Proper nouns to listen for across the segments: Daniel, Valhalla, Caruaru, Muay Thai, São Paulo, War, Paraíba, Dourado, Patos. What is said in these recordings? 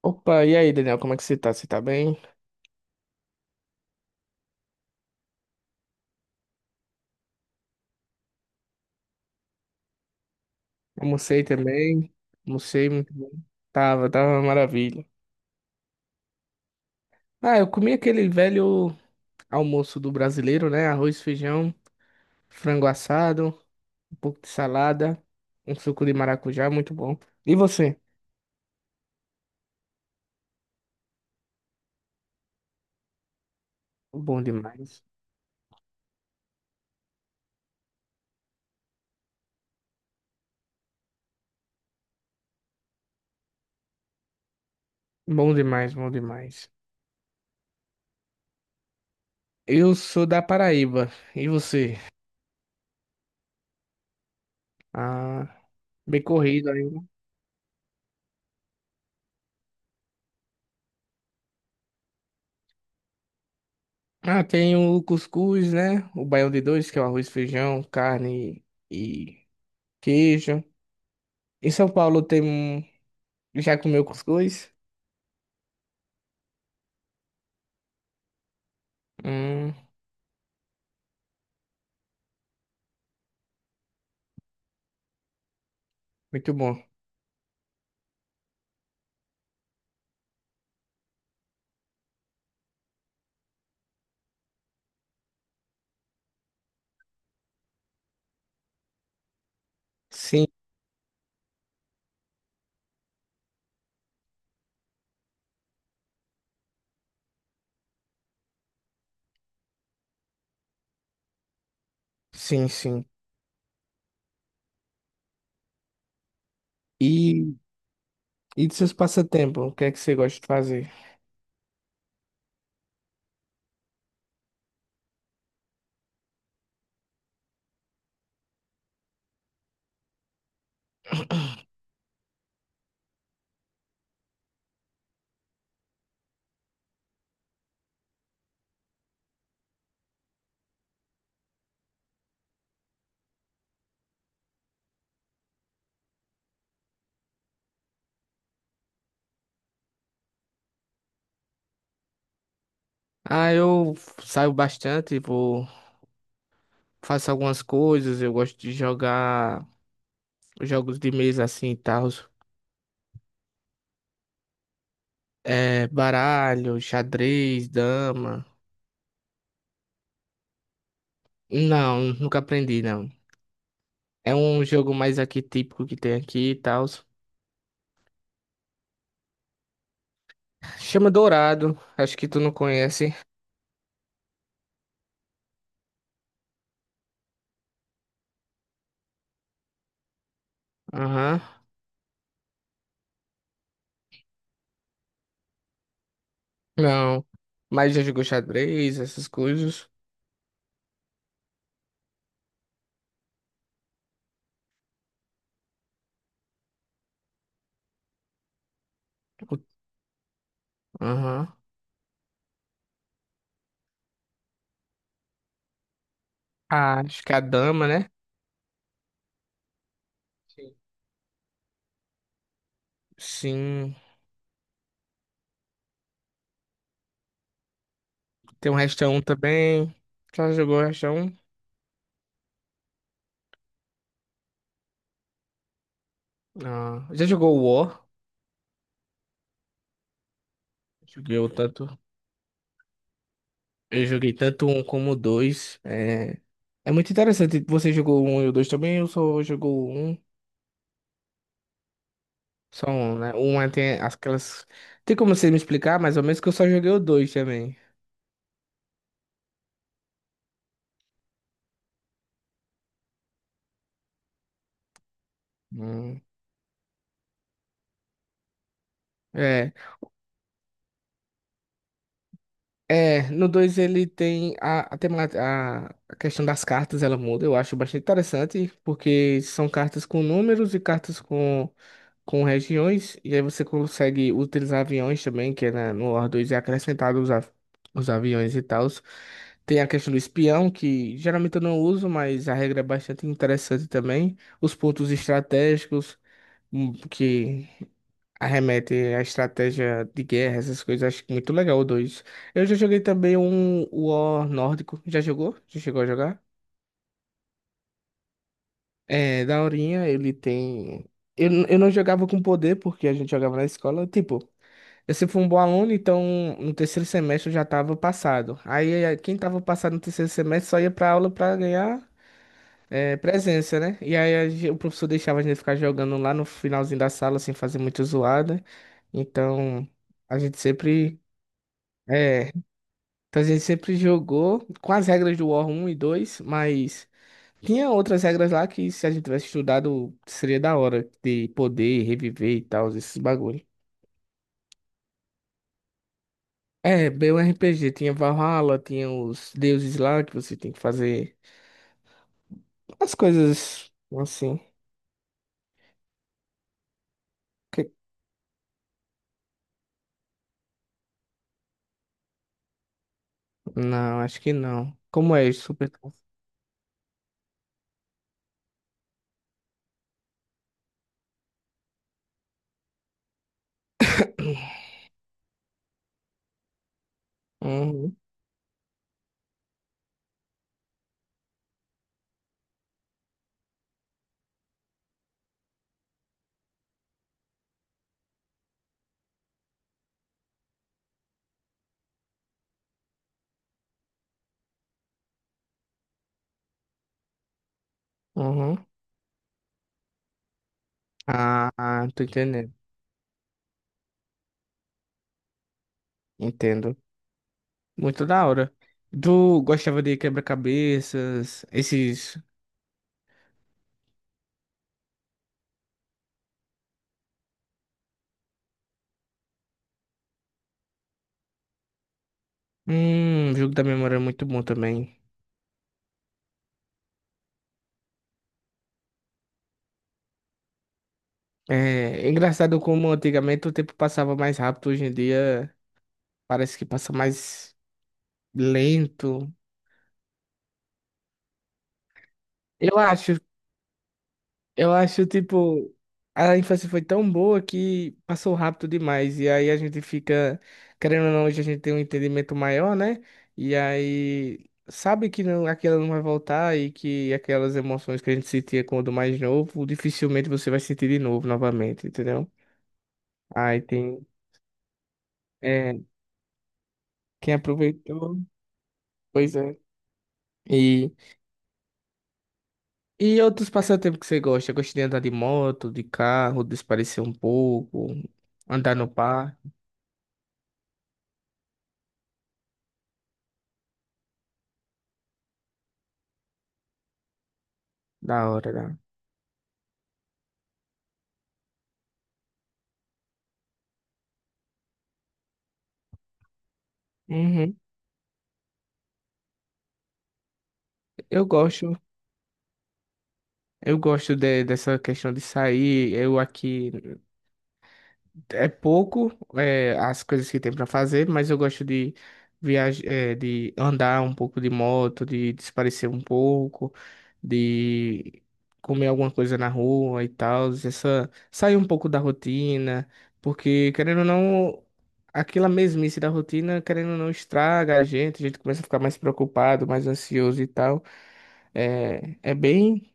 Opa, e aí, Daniel, como é que você tá? Você tá bem? Almocei também. Almocei muito bem. Tava uma maravilha. Ah, eu comi aquele velho almoço do brasileiro, né? Arroz, feijão, frango assado, um pouco de salada, um suco de maracujá, muito bom. E você? Bom demais. Bom demais, bom demais. Eu sou da Paraíba. E você? Ah, bem corrido ainda. Ah, tem o cuscuz, né? O baião de dois, que é o arroz, feijão, carne e queijo. Em São Paulo tem um. Já comeu cuscuz? Hum, muito bom. Sim, sim, sim. E, e dos seus passatempos, o que é que você gosta de fazer? Ah, eu saio bastante, vou, faço algumas coisas, eu gosto de jogar jogos de mesa assim e tal. É, baralho, xadrez, dama. Não, nunca aprendi, não. É um jogo mais aqui típico que tem aqui e tal. Chama Dourado, acho que tu não conhece. Aham. Não. Mas já jogou xadrez, essas coisas. O- Aham. Ah, acho que a dama, né? Sim. Sim. Tem um Resta um também. Já jogou o Resta um? Ah, já jogou o War? Joguei o tanto. Eu joguei tanto um como o dois. É, é muito interessante. Você jogou o um e o dois também? Eu só jogou o um. Só um, né? Tem aquelas. Tem como você me explicar mais ou menos? Que eu só joguei o dois também. Hum. É. É, no 2 ele tem a, tema- a questão das cartas, ela muda, eu acho bastante interessante, porque são cartas com números e cartas com regiões, e aí você consegue utilizar aviões também, que é no War dois é acrescentado os aviões e tal. Tem a questão do espião, que geralmente eu não uso, mas a regra é bastante interessante também. Os pontos estratégicos, que arremete à estratégia de guerra, essas coisas, acho que muito legal o dois. Eu já joguei também um War nórdico. Já jogou? Já chegou a jogar? É, daorinha, ele tem. Eu não jogava com poder, porque a gente jogava na escola. Tipo, eu sempre fui um bom aluno, então no terceiro semestre eu já tava passado. Aí quem tava passado no terceiro semestre só ia pra aula pra ganhar presença, né? E aí o professor deixava a gente ficar jogando lá no finalzinho da sala, sem fazer muita zoada. Então a gente sempre. É, então a gente sempre jogou com as regras do War 1 e 2, mas tinha outras regras lá que, se a gente tivesse estudado, seria da hora de poder reviver e tal, esses bagulho. É, bem um RPG, tinha Valhalla, tinha os deuses lá que você tem que fazer as coisas assim. Que- Não, acho que não. Como é isso, super? Uhum, uhum. Ah, ah, tô entendendo. Entendo. Muito da hora. Tu gostava de quebra-cabeças, esses? O jogo da memória é muito bom também. É, é engraçado como antigamente o tempo passava mais rápido, hoje em dia parece que passa mais lento. Eu acho, eu acho, tipo, a infância foi tão boa que passou rápido demais. E aí a gente fica, querendo ou não, hoje a gente tem um entendimento maior, né? E aí sabe que não, aquela não vai voltar, e que aquelas emoções que a gente sentia quando mais novo, dificilmente você vai sentir de novo, novamente, entendeu? Aí tem. é, Quem aproveitou, pois é. E, e outros passatempos que você gosta? Gosta de andar de moto, de carro, desaparecer um pouco, andar no par, da hora, né? Uhum. Eu gosto, eu gosto de- dessa questão de sair. Eu aqui. É pouco, é, as coisas que tem pra fazer, mas eu gosto de viajar, de andar um pouco de moto, de desaparecer um pouco, de comer alguma coisa na rua e tal, essa sair um pouco da rotina, porque, querendo ou não, aquela mesmice da rotina, querendo ou não, estraga a gente começa a ficar mais preocupado, mais ansioso e tal. É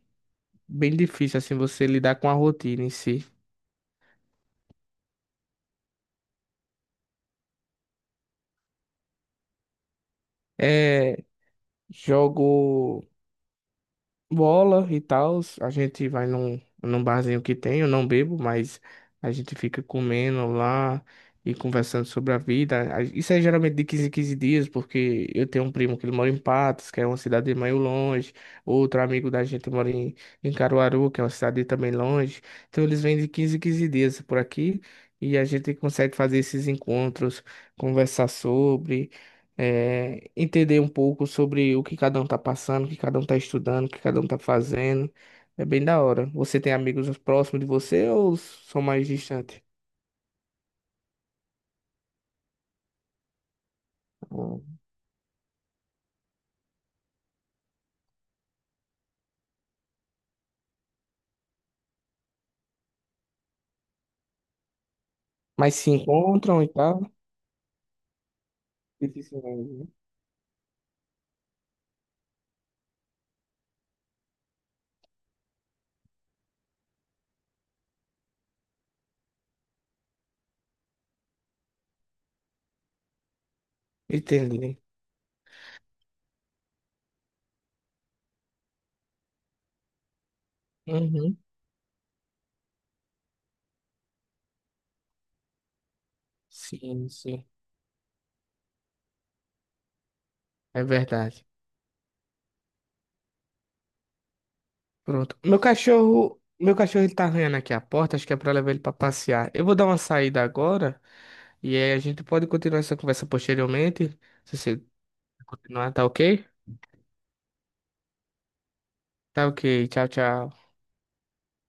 bem difícil assim você lidar com a rotina em si. É, jogo bola e tal. A gente vai num barzinho que tem, eu não bebo, mas a gente fica comendo lá e conversando sobre a vida. Isso é geralmente de 15 em quinze dias, porque eu tenho um primo que ele mora em Patos, que é uma cidade meio longe. Outro amigo da gente mora em Caruaru, que é uma cidade também longe. Então eles vêm de 15 em quinze dias por aqui. E a gente consegue fazer esses encontros, conversar sobre entender um pouco sobre o que cada um tá passando, o que cada um tá estudando, o que cada um tá fazendo. É bem da hora. Você tem amigos próximos de você ou são mais distantes? Ou- Mas se encontram e tal? Dificilmente, né? Entendi. Uhum. Sim, sim. É verdade. Pronto. Meu cachorro ele tá arranhando aqui a porta, acho que é pra levar ele pra passear. Eu vou dar uma saída agora e aí a gente pode continuar essa conversa posteriormente. Se você continuar, tá ok? Tá ok. Tchau, tchau.